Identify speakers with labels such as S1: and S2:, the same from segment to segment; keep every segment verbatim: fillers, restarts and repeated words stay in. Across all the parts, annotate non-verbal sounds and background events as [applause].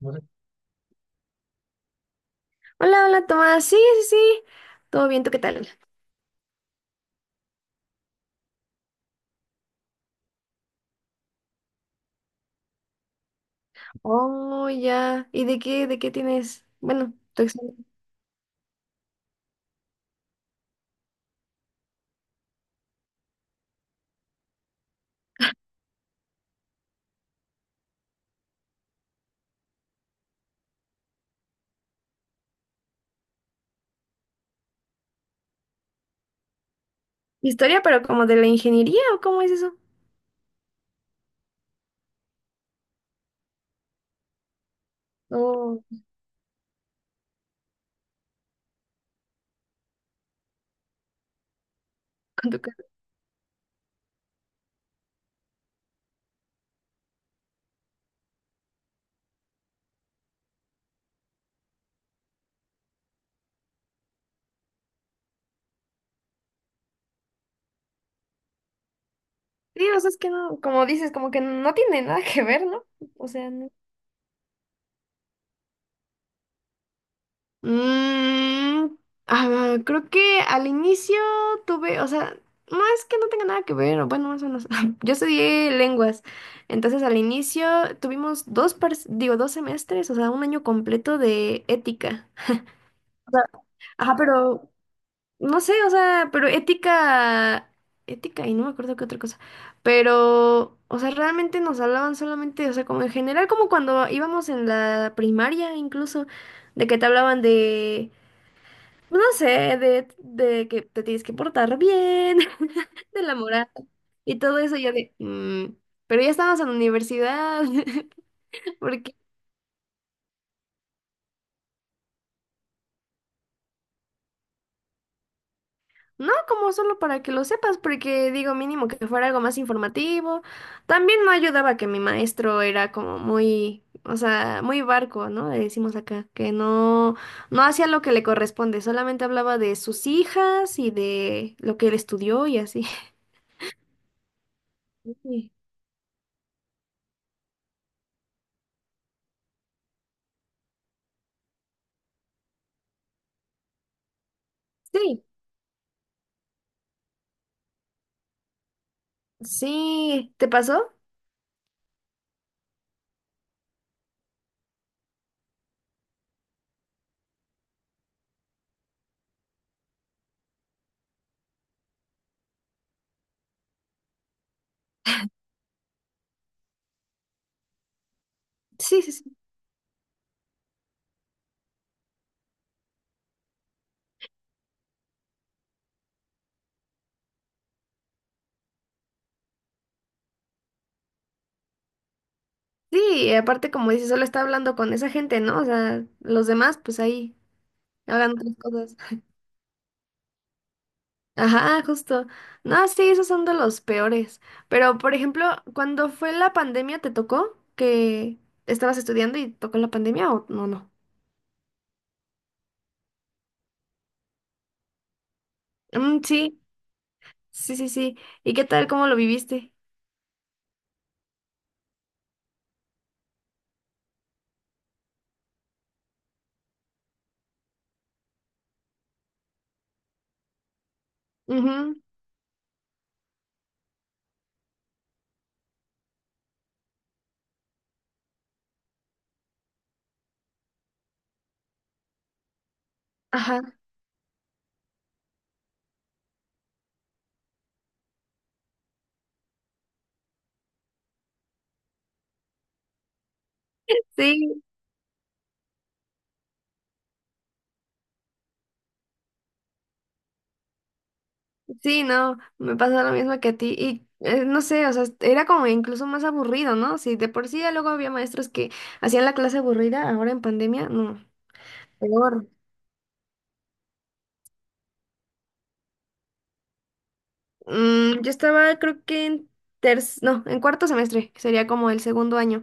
S1: No sé. Hola, hola Tomás. Sí, sí, sí. Todo bien, ¿tú qué tal? Oh, ya. ¿Y de qué, de qué tienes? Bueno, tu examen. Historia, ¿pero como de la ingeniería o cómo es eso? Oh, con tu carrera. Sí, o sea, es que no, como dices, como que no tiene nada que ver, ¿no? O sea, no. Mm, ah, creo que al inicio tuve, o sea, no es que no tenga nada que ver, o bueno, más o menos. [laughs] Yo estudié lenguas, entonces al inicio tuvimos dos, par- digo, dos semestres, o sea, un año completo de ética. O sea, ajá, pero no sé, o sea, pero ética, ética y no me acuerdo qué otra cosa. Pero, o sea, realmente nos hablaban solamente, o sea, como en general, como cuando íbamos en la primaria incluso, de que te hablaban de no sé, de, de que te tienes que portar bien, [laughs] de la moral y todo eso. Yo de, "Mm, pero ya estamos en la universidad". [laughs] Porque no, como solo para que lo sepas, porque digo, mínimo que fuera algo más informativo. También no ayudaba que mi maestro era como muy, o sea, muy barco, ¿no? Le decimos acá, que no, no hacía lo que le corresponde, solamente hablaba de sus hijas y de lo que él estudió y así. [laughs] Sí, sí, sí, ¿te pasó? Sí, sí, sí, sí, y aparte como dices, solo está hablando con esa gente, ¿no? O sea, los demás, pues ahí, hagan otras cosas. Ajá, justo. No, sí, esos son de los peores. Pero, por ejemplo, cuando fue la pandemia, ¿te tocó que estabas estudiando y tocó la pandemia o no, no? Mm, sí, sí, sí, sí. ¿Y qué tal? ¿Cómo lo viviste? Ujú, ajá. Sí. Sí, no, me pasa lo mismo que a ti. Y eh, no sé, o sea, era como incluso más aburrido, ¿no? Si de por sí ya luego había maestros que hacían la clase aburrida, ahora en pandemia, no, peor. Mm, yo estaba, creo que en ter, no, en cuarto semestre, que sería como el segundo año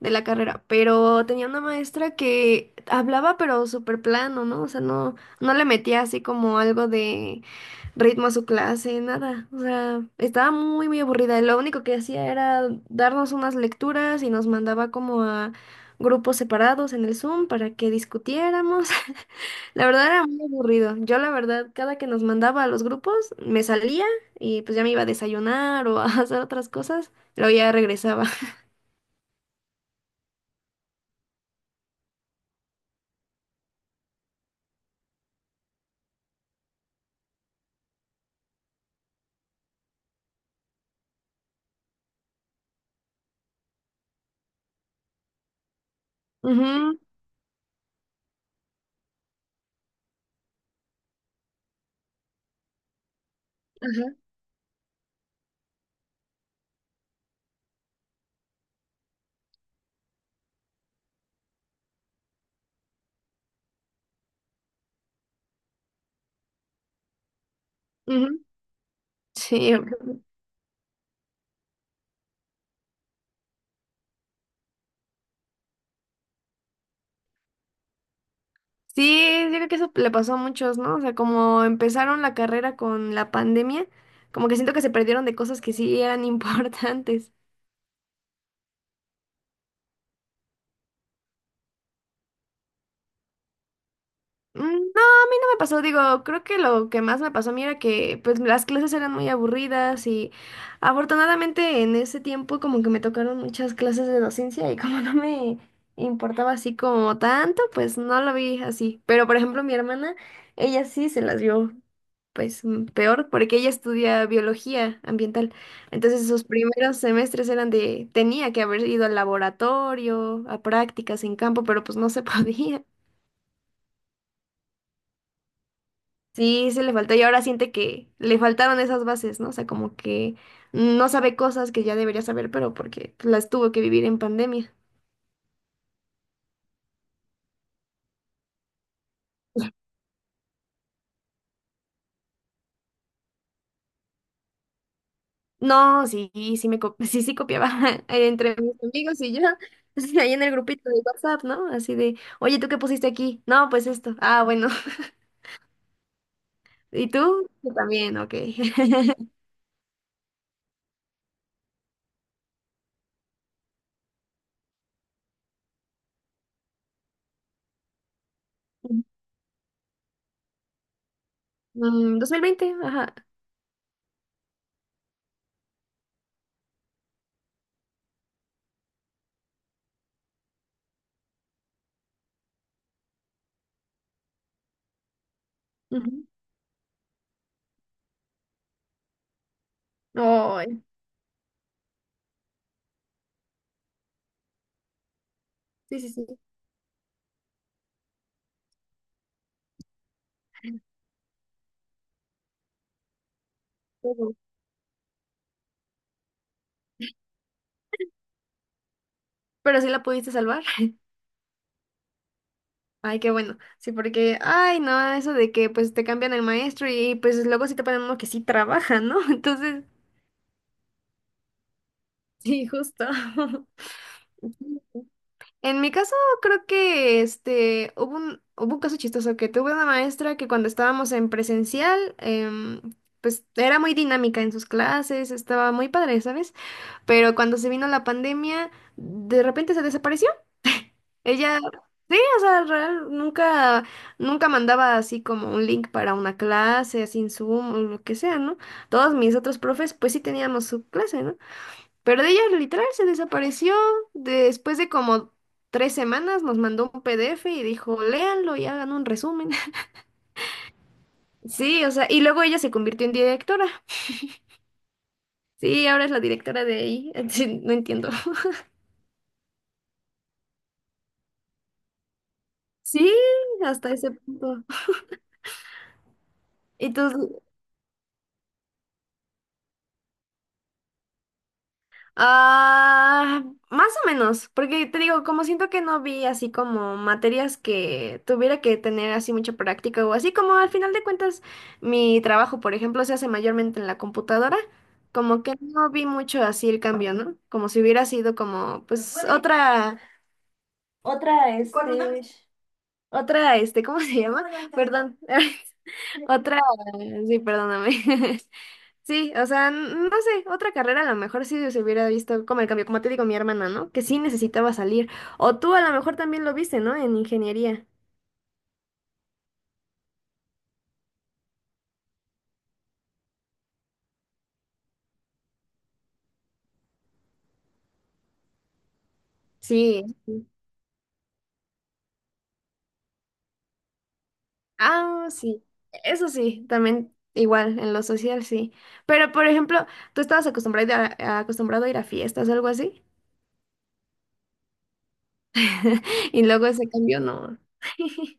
S1: de la carrera, pero tenía una maestra que hablaba pero súper plano, ¿no? O sea, no, no le metía así como algo de ritmo a su clase, nada. O sea, estaba muy, muy aburrida. Lo único que hacía era darnos unas lecturas y nos mandaba como a grupos separados en el Zoom para que discutiéramos. [laughs] La verdad era muy aburrido. Yo, la verdad, cada que nos mandaba a los grupos, me salía y pues ya me iba a desayunar o a [laughs] hacer otras cosas. Luego ya regresaba. [laughs] Ujú, ajá, ujú. Sí, ok. Sí, yo creo que eso le pasó a muchos, ¿no? O sea, como empezaron la carrera con la pandemia, como que siento que se perdieron de cosas que sí eran [laughs] importantes. Mm, No, a mí no me pasó, digo, creo que lo que más me pasó a mí era que pues las clases eran muy aburridas y afortunadamente en ese tiempo como que me tocaron muchas clases de docencia y como [laughs] no me importaba así como tanto, pues no lo vi así. Pero por ejemplo mi hermana, ella sí se las vio pues mm, peor, porque ella estudia biología ambiental. Entonces sus primeros semestres eran de, tenía que haber ido al laboratorio, a prácticas en campo, pero pues no se [laughs] podía. Sí, se le faltó y ahora siente que le faltaron esas bases, ¿no? O sea, como que no sabe cosas que ya debería saber, pero porque las tuvo que vivir en pandemia. No, sí, sí me co- [laughs] sí, sí copiaba [laughs] entre mis amigos y yo, [laughs] ahí en el grupito de WhatsApp, ¿no? Así de, oye, ¿tú qué pusiste aquí? No, pues esto. Ah, bueno. ¿Y tú? Yo también, ok. [laughs] Mm, dos mil veinte, ajá. Ujú. Ay, sí, sí, sí. Ujú. ¿Pero sí la pudiste salvar? [laughs] Ay, qué bueno. Sí, porque, ay, no, eso de que pues te cambian el maestro y pues luego sí te ponen uno que sí trabaja, ¿no? [laughs] Entonces, sí, justo. [laughs] En mi caso, creo que este hubo un, hubo un caso chistoso que tuve una maestra que cuando estábamos en presencial, em, pues era muy dinámica en sus clases, estaba muy padre, ¿sabes? Pero cuando se vino la pandemia, de repente se desapareció. Ella, sí, o sea, real, nunca, nunca mandaba así como un link para una clase, sin en Zoom o lo que sea, ¿no? Todos mis otros profes, pues sí teníamos su clase, ¿no? Pero de ella literal se desapareció después de como tres semanas, nos mandó un PDF y dijo, léanlo y hagan un resumen. [laughs] Sí, o sea, y luego ella se convirtió en directora. Sí, ahora es la directora de ahí. [laughs] Sí, no entiendo. Sí, hasta ese punto. ¿Y tú? Ah, más o menos, porque te digo, como siento que no vi así como materias que tuviera que tener así mucha práctica o así como al final de cuentas mi trabajo, por ejemplo, se hace mayormente en la computadora, como que no vi mucho así el cambio, ¿no? Como si hubiera sido como pues Puede- otra, otra este, otra este, ¿cómo se llama? Perdón, [laughs] otra, sí, perdóname. [laughs] Sí, o sea, n- no sé, otra carrera a lo mejor sí se hubiera visto como el cambio, como te digo, mi hermana, ¿no? Que sí necesitaba salir. O tú a lo mejor también lo viste, ¿no? En ingeniería. Sí, ah, sí. Eso sí, también igual, en lo social sí. Pero, por ejemplo, tú estabas acostumbrado a, acostumbrado a ir a fiestas o algo así, [laughs] y luego ese cambio no. [laughs]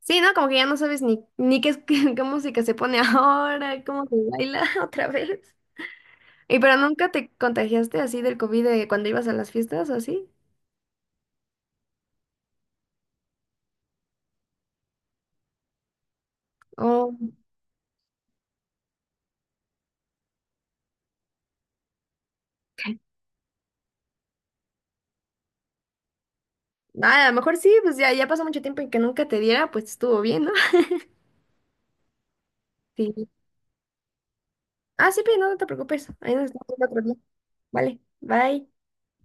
S1: Sí, ¿no? Como que ya no sabes ni, ni qué, es- [laughs] qué música se pone ahora, cómo se baila [laughs] otra vez. ¿Y pero nunca te contagiaste así del COVID de cuando ibas a las fiestas o así? O ah, a lo mejor sí, pues ya, ya pasó mucho tiempo en que nunca te diera, pues estuvo bien, ¿no? [laughs] Sí. Ah, sí, pero no, no te preocupes. Ahí nos vemos otro día. Vale, bye.